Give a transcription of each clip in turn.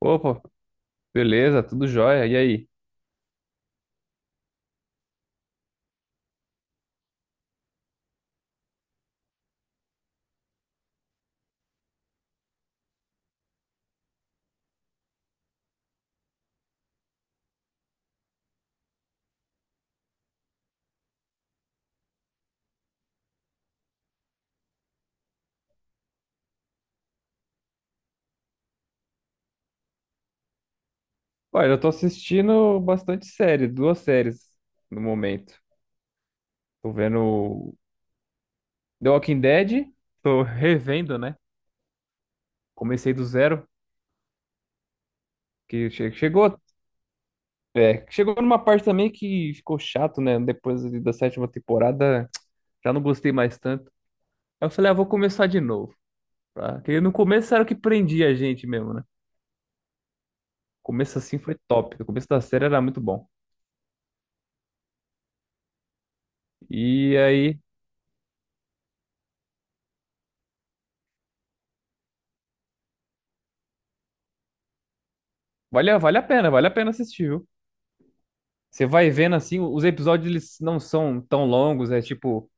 Opa, beleza, tudo jóia. E aí? Olha, eu tô assistindo bastante série, duas séries no momento. Tô vendo The Walking Dead, tô revendo, né? Comecei do zero, chegou, é, chegou numa parte também que ficou chato, né? Depois ali da 7ª temporada, já não gostei mais tanto. Aí eu falei, ah, vou começar de novo, tá? Porque no começo era o que prendia a gente mesmo, né? O começo assim foi top, o começo da série era muito bom. E aí, vale, vale a pena assistir, viu? Você vai vendo assim, os episódios eles não são tão longos, é tipo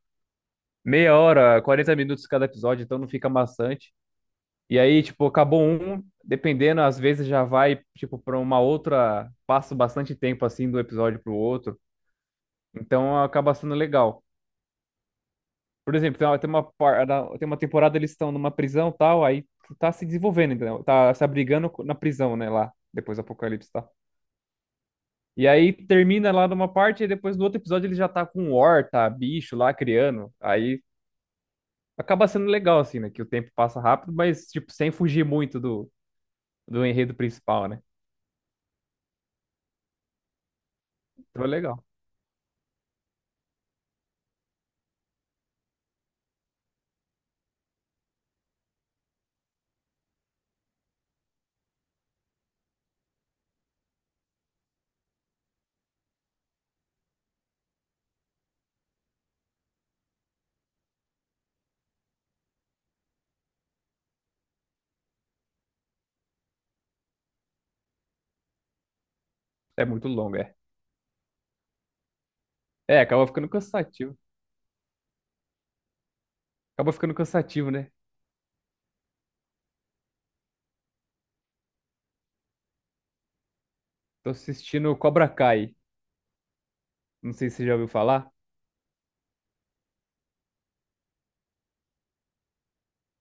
meia hora, 40 minutos cada episódio, então não fica maçante. E aí, tipo, acabou um, dependendo, às vezes já vai, tipo, pra uma outra, passa bastante tempo assim do episódio pro outro. Então acaba sendo legal. Por exemplo, tem uma temporada eles estão numa prisão e tal, aí tá se desenvolvendo, entendeu? Tá se abrigando na prisão, né, lá, depois do apocalipse, tá? E aí termina lá numa parte e depois no outro episódio ele já tá com horta, bicho lá criando. Aí acaba sendo legal, assim, né? Que o tempo passa rápido, mas, tipo, sem fugir muito do enredo principal, né? Então é legal. É muito longo, é. É, acaba ficando cansativo. Acaba ficando cansativo, né? Tô assistindo Cobra Kai. Não sei se você já ouviu falar.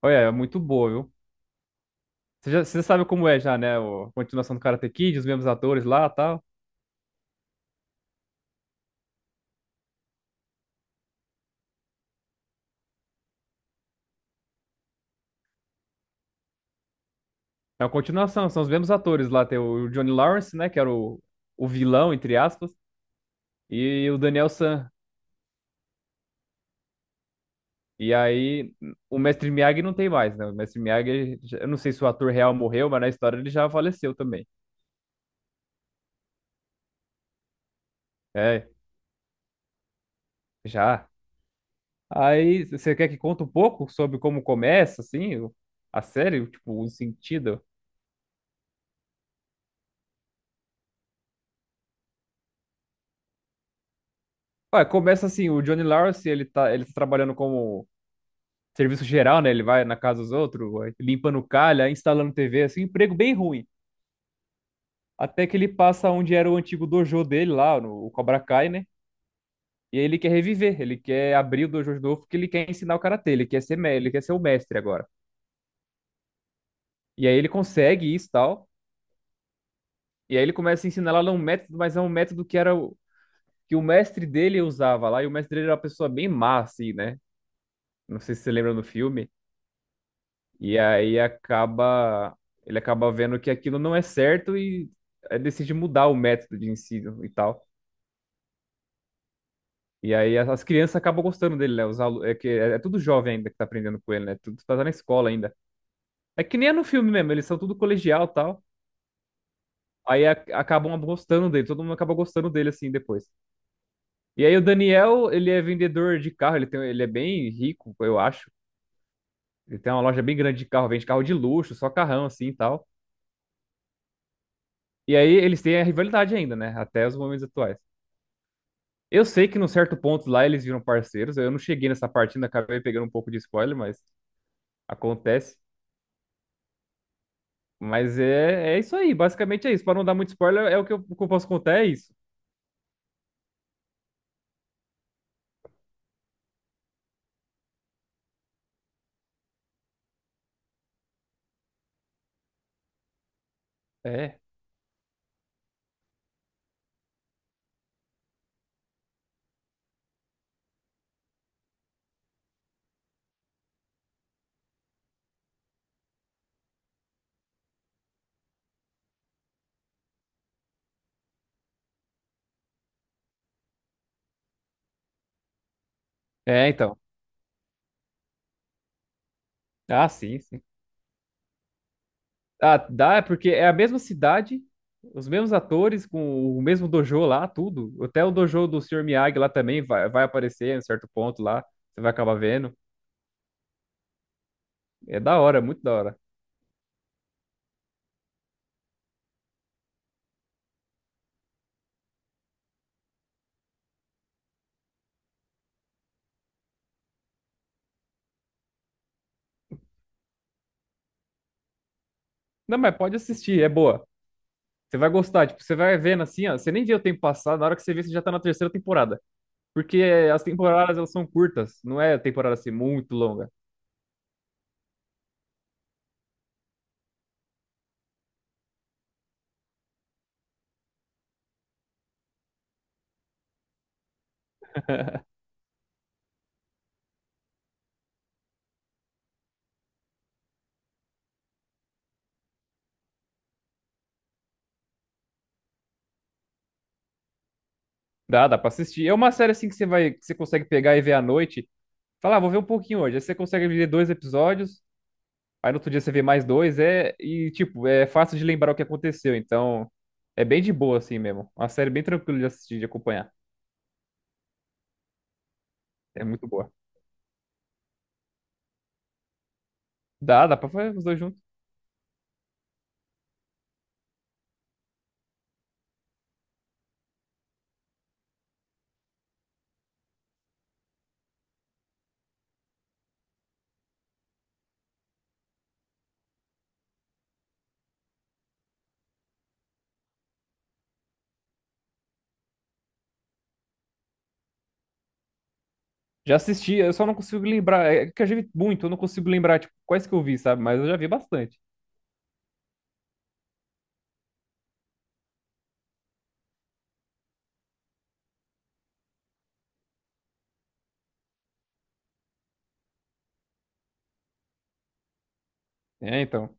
Olha, é muito boa, viu? Você, já, você sabe como é já, né? A continuação do Karate Kid, os mesmos atores lá e tal. É uma continuação, são os mesmos atores lá. Tem o Johnny Lawrence, né? O vilão, entre aspas. E o Daniel San. E aí, o Mestre Miyagi não tem mais, né? O Mestre Miyagi, eu não sei se o ator real morreu, mas na história ele já faleceu também. É, já. Aí, você quer que conte um pouco sobre como começa, assim, a série, tipo, o sentido? Ué, começa assim, o Johnny Lawrence, ele tá trabalhando como serviço geral, né? Ele vai na casa dos outros, vai limpando calha, instalando TV, assim, um emprego bem ruim. Até que ele passa onde era o antigo dojo dele lá, no o Cobra Kai, né? E aí ele quer reviver, ele quer abrir o dojo de novo porque ele quer ensinar o karatê, ele quer ser o mestre agora. E aí ele consegue isso e tal. E aí ele começa a ensinar lá um método, mas é um método que o mestre dele usava lá, e o mestre dele era uma pessoa bem má, assim, né? Não sei se você lembra no filme. E aí acaba, ele acaba vendo que aquilo não é certo e decide mudar o método de ensino e tal. E aí as crianças acabam gostando dele, né? É que é, é tudo jovem ainda que tá aprendendo com ele, né? Tudo tá na escola ainda. É que nem é no filme mesmo, eles são tudo colegial e tal. Aí a- acabam gostando dele, todo mundo acaba gostando dele assim depois. E aí o Daniel, ele é vendedor de carro, ele tem, ele é bem rico, eu acho. Ele tem uma loja bem grande de carro, vende carro de luxo, só carrão assim e tal. E aí eles têm a rivalidade ainda, né? Até os momentos atuais. Eu sei que num certo ponto lá eles viram parceiros. Eu não cheguei nessa parte, ainda acabei pegando um pouco de spoiler, mas acontece. Mas é, é isso aí, basicamente é isso. Pra não dar muito spoiler, é o que eu posso contar, é isso. É. É, então. Ah, sim, sim. Ah, dá, é porque é a mesma cidade, os mesmos atores, com o mesmo dojo lá, tudo. Até o dojo do Sr. Miyagi lá também vai, vai aparecer em certo ponto lá. Você vai acabar vendo. É da hora, muito da hora. Não, mas pode assistir, é boa. Você vai gostar, tipo, você vai vendo assim, ó. Você nem vê o tempo passar, na hora que você vê, você já tá na 3ª temporada. Porque as temporadas, elas são curtas, não é temporada assim muito longa. Dá, dá pra assistir. É uma série assim que você vai, que você consegue pegar e ver à noite. Falar, ah, vou ver um pouquinho hoje. Aí você consegue ver dois episódios, aí no outro dia você vê mais dois, é. E, tipo, é fácil de lembrar o que aconteceu. Então, é bem de boa, assim mesmo. Uma série bem tranquila de assistir, de acompanhar. É muito boa. Dá, dá pra fazer os dois juntos. Já assisti, eu só não consigo lembrar. É que eu já vi muito, eu não consigo lembrar, tipo, quais que eu vi, sabe? Mas eu já vi bastante. É, então.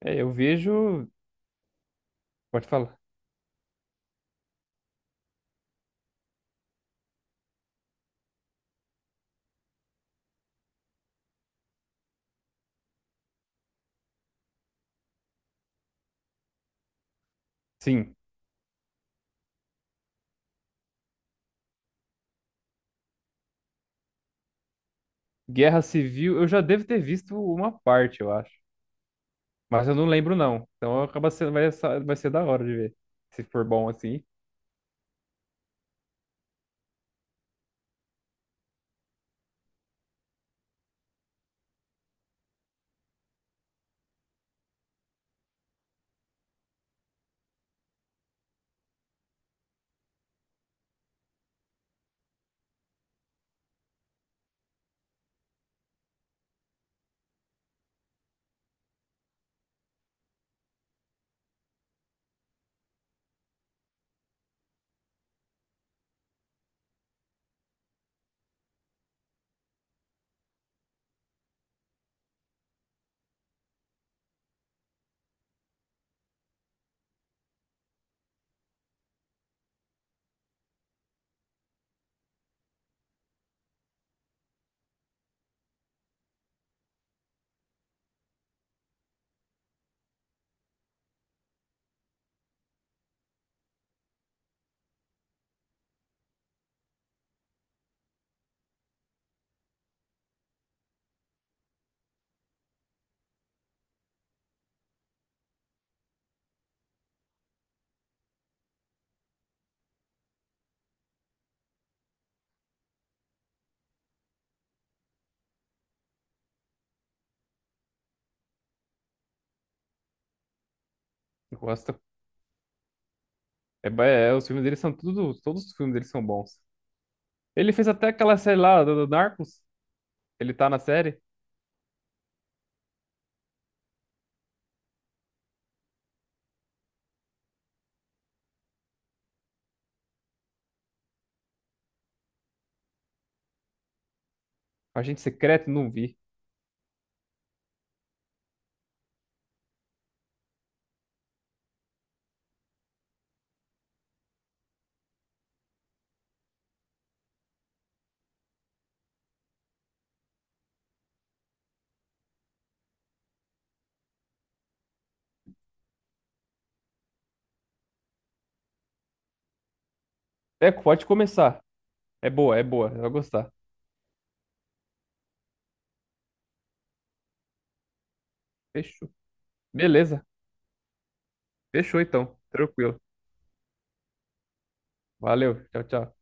É, eu vejo. Pode falar. Sim. Guerra Civil, eu já devo ter visto uma parte, eu acho. Mas eu não lembro, não. Então acaba sendo, vai, vai ser da hora de ver. Se for bom assim. Eu gosto. É, é, os filmes dele são tudo, todos os filmes dele são bons. Ele fez até aquela série lá do Narcos, ele tá na série. Agente Secreto, não vi. É, pode começar. É boa, você vai gostar. Fechou. Beleza, fechou então. Tranquilo. Valeu, tchau, tchau.